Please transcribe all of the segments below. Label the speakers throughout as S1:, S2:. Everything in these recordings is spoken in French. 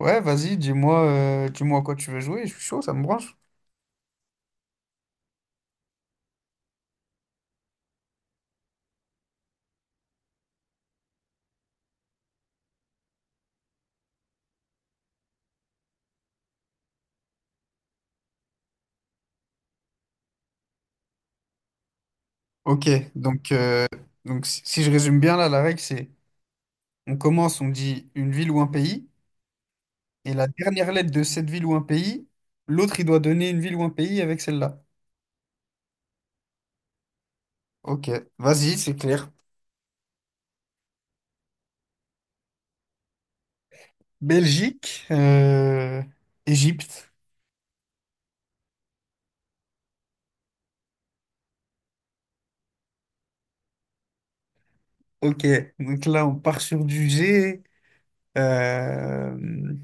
S1: Ouais, vas-y, dis-moi dis-moi à quoi tu veux jouer, je suis chaud, ça me branche. Ok, donc, euh, donc si je résume bien là, la règle c'est on commence, on dit une ville ou un pays, et la dernière lettre de cette ville ou un pays, l'autre il doit donner une ville ou un pays avec celle-là. Ok, vas-y, c'est clair. Belgique, Égypte. Ok, donc là on part sur du G. euh,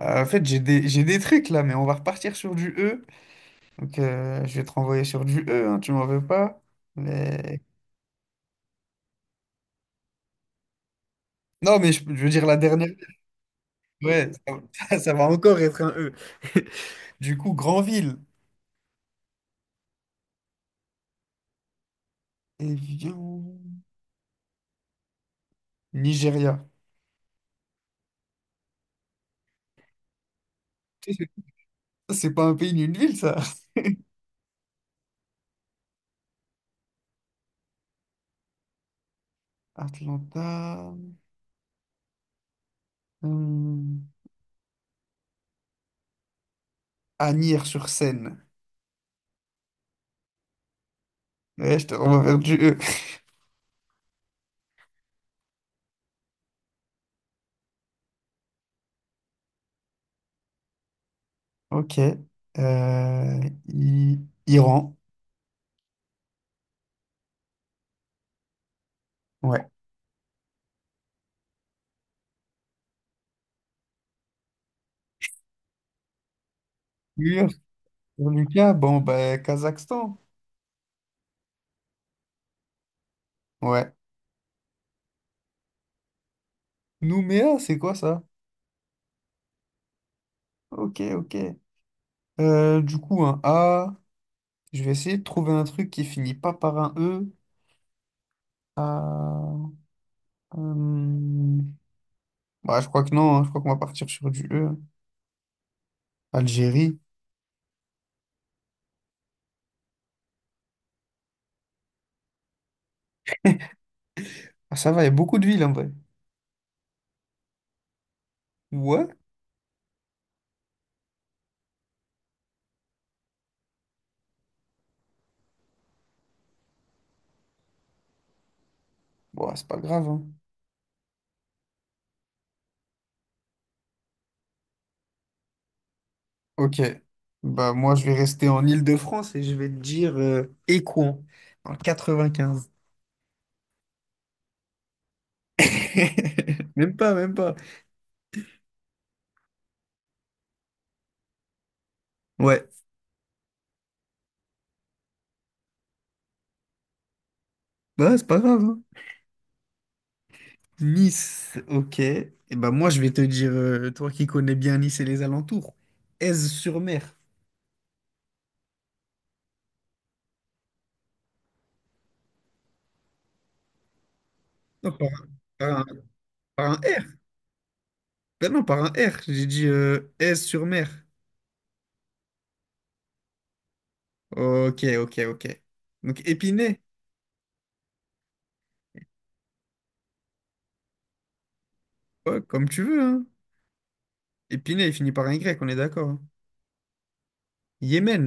S1: En fait, j'ai des trucs là, mais on va repartir sur du E. Donc, je vais te renvoyer sur du E, hein, tu m'en veux pas. Mais... Non, mais je veux dire la dernière. Ouais, ça, ça va encore être un E. Du coup, Granville. Et viens... Nigeria. Tu sais, c'est pas un pays ni une ville, ça. Atlanta. Hum, Agnières-sur-Seine. Ouais, je te renvoie vers du E. Ok. Euh, I- Iran. Ouais. Ur, Lucas, bon, ben, Kazakhstan. Ouais. Nouméa, c'est quoi ça? Ok, ok. Du coup, un A. Je vais essayer de trouver un truc qui finit pas par un E. Ah, euh, bah, je crois que non, hein. Je crois qu'on va partir sur du E. Algérie. Ah, ça va, il y a beaucoup de villes en vrai. Ouais? Bon, c'est pas grave, hein. Ok. Bah, moi, je vais rester en Île-de-France et je vais te dire Écouen, en 95. Même pas, même pas. Ouais. Bah, c'est pas grave, hein. Nice, ok. Et ben moi, je vais te dire, toi qui connais bien Nice et les alentours, Aise-sur-Mer. Non, par, par un, par un R. Ben non, par un R. J'ai dit Aise-sur-Mer. Ok, ok, ok. Donc Épinay, ouais, comme tu veux, hein. Épinay, il finit par un Y, on est d'accord, hein. Yémen,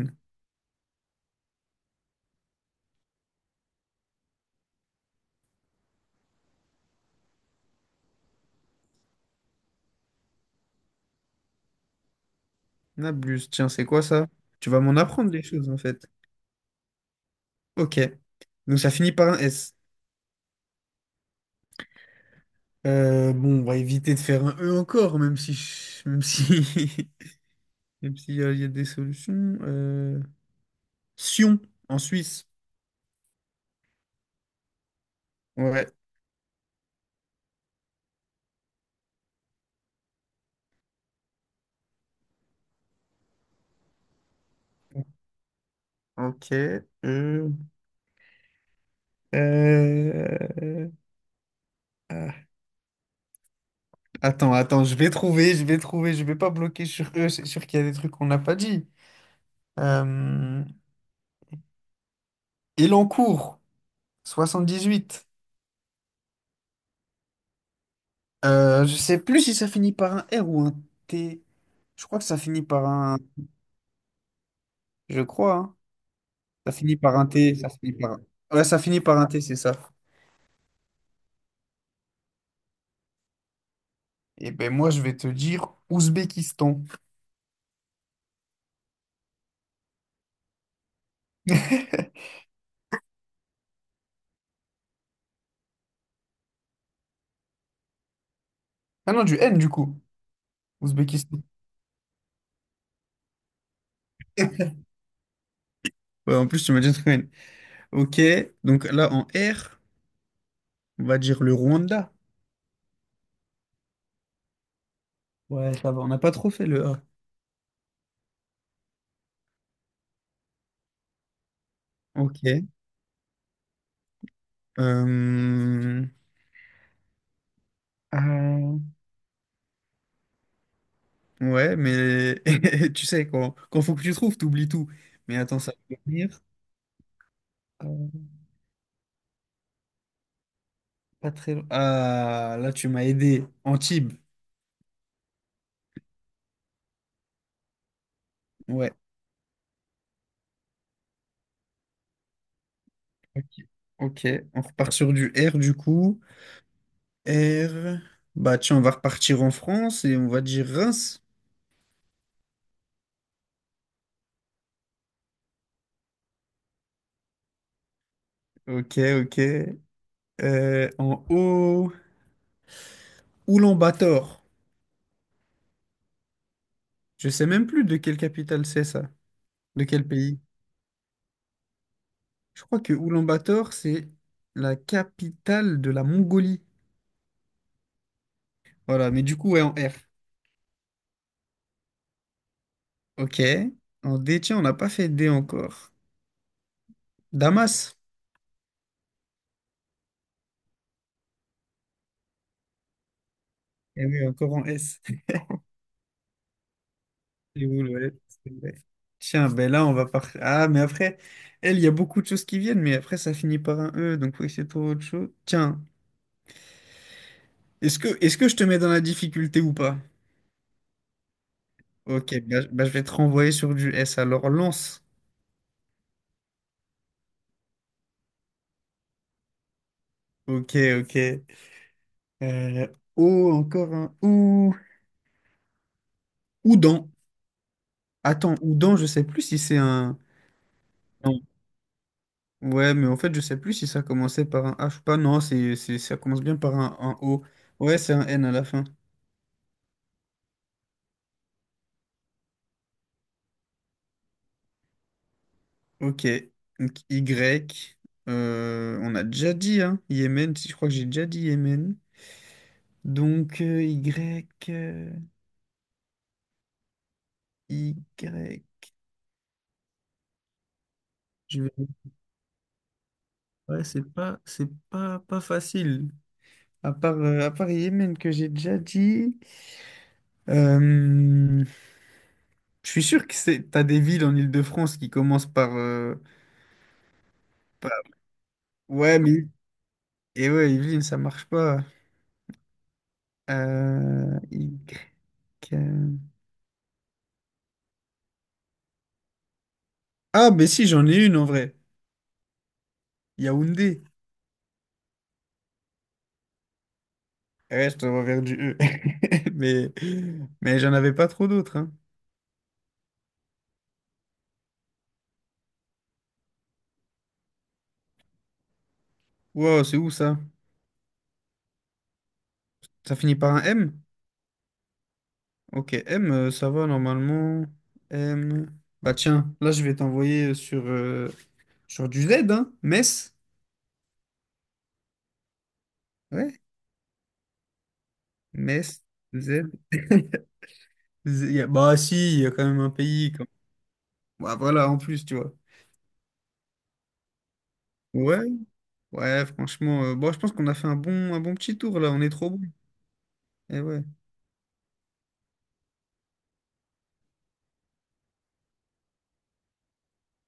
S1: Nablus, tiens, c'est quoi ça? Tu vas m'en apprendre des choses, en fait. Ok. Donc ça finit par un S. Bon, on va éviter de faire un E encore, même si, je- même si et puis, il y a des solutions. Sion, en Suisse. Ouais, ok. Euh, euh, euh, ah. Attends, attends, je vais trouver, je vais pas bloquer sur eux, c'est sûr qu'il y a des trucs qu'on n'a pas dit. Euh... Elancourt, 78. Je sais plus si ça finit par un R ou un T. Je crois que ça finit par un... Je crois, hein. Ça finit par un T, ça finit par un... Ouais, ça finit par un T, c'est ça. Et ben moi, je vais te dire Ouzbékistan. Ah non, du N du coup, Ouzbékistan. Ouais, en plus, tu m'as dit un truc, ouais. Ok, donc là, en R, on va dire le Rwanda. Ouais, ça va, on n'a pas trop fait le A. Ok. Euh, euh, ouais, mais tu sais, quand faut que tu trouves, t'oublies tout. Mais attends, ça va venir. Euh, Pas très loin. Ah, là, tu m'as aidé. Antibes. Ouais. Ok. Ok, on repart sur du R du coup. R. Bah tiens, on va repartir en France et on va dire Reims. Ok, ok. En haut, Oulan-Bator. Je sais même plus de quelle capitale c'est ça, de quel pays. Je crois que Oulan-Bator, c'est la capitale de la Mongolie. Voilà, mais du coup, ouais, en R. Ok. En D, tiens, on n'a pas fait D encore. Damas. Eh oui, encore en S. C'est ouais, c'est vrai. Tiens, ben là, on va par... Ah, mais après, elle, il y a beaucoup de choses qui viennent, mais après, ça finit par un E, donc oui, c'est pour autre chose. Tiens, est-ce que je te mets dans la difficulté ou pas? Ok, bah, je vais te renvoyer sur du S. Alors, lance. Ok, ok. Euh, O, encore un O Oudan. Attends, Oudan, je sais plus si c'est un. Non. Ouais, mais en fait, je sais plus si ça commençait par un H ou pas. Non, ça commence bien par un O. Ouais, c'est un N à la fin. Ok. Donc, Y. On a déjà dit, hein. Yémen, si je crois que j'ai déjà dit Yémen. Donc, Y. Y. Je vais- Ouais, c'est pas, pas facile. À part Yémen que j'ai déjà dit, euh, je suis sûr que c'est, t'as des villes en Île-de-France qui commencent par, par- Ouais, mais... Et ouais, Yvelines, ça marche pas. Euh, Y... euh, Ah, mais si, j'en ai une en vrai. Yaoundé. Eh ouais, je t'envoie vers du E. Mais, mais j'en avais pas trop d'autres, hein. Wow, c'est où ça? Ça finit par un M? Ok, M, ça va normalement. M... Bah tiens, là je vais t'envoyer sur... sur du Z, hein? Metz? Ouais, Metz, Z. Z- y a- Bah si, il y a quand même un pays. Comme... Bah, voilà, en plus, tu vois. Ouais, ouais, franchement, bon, je pense qu'on a fait un bon petit tour là, on est trop bon. Et ouais.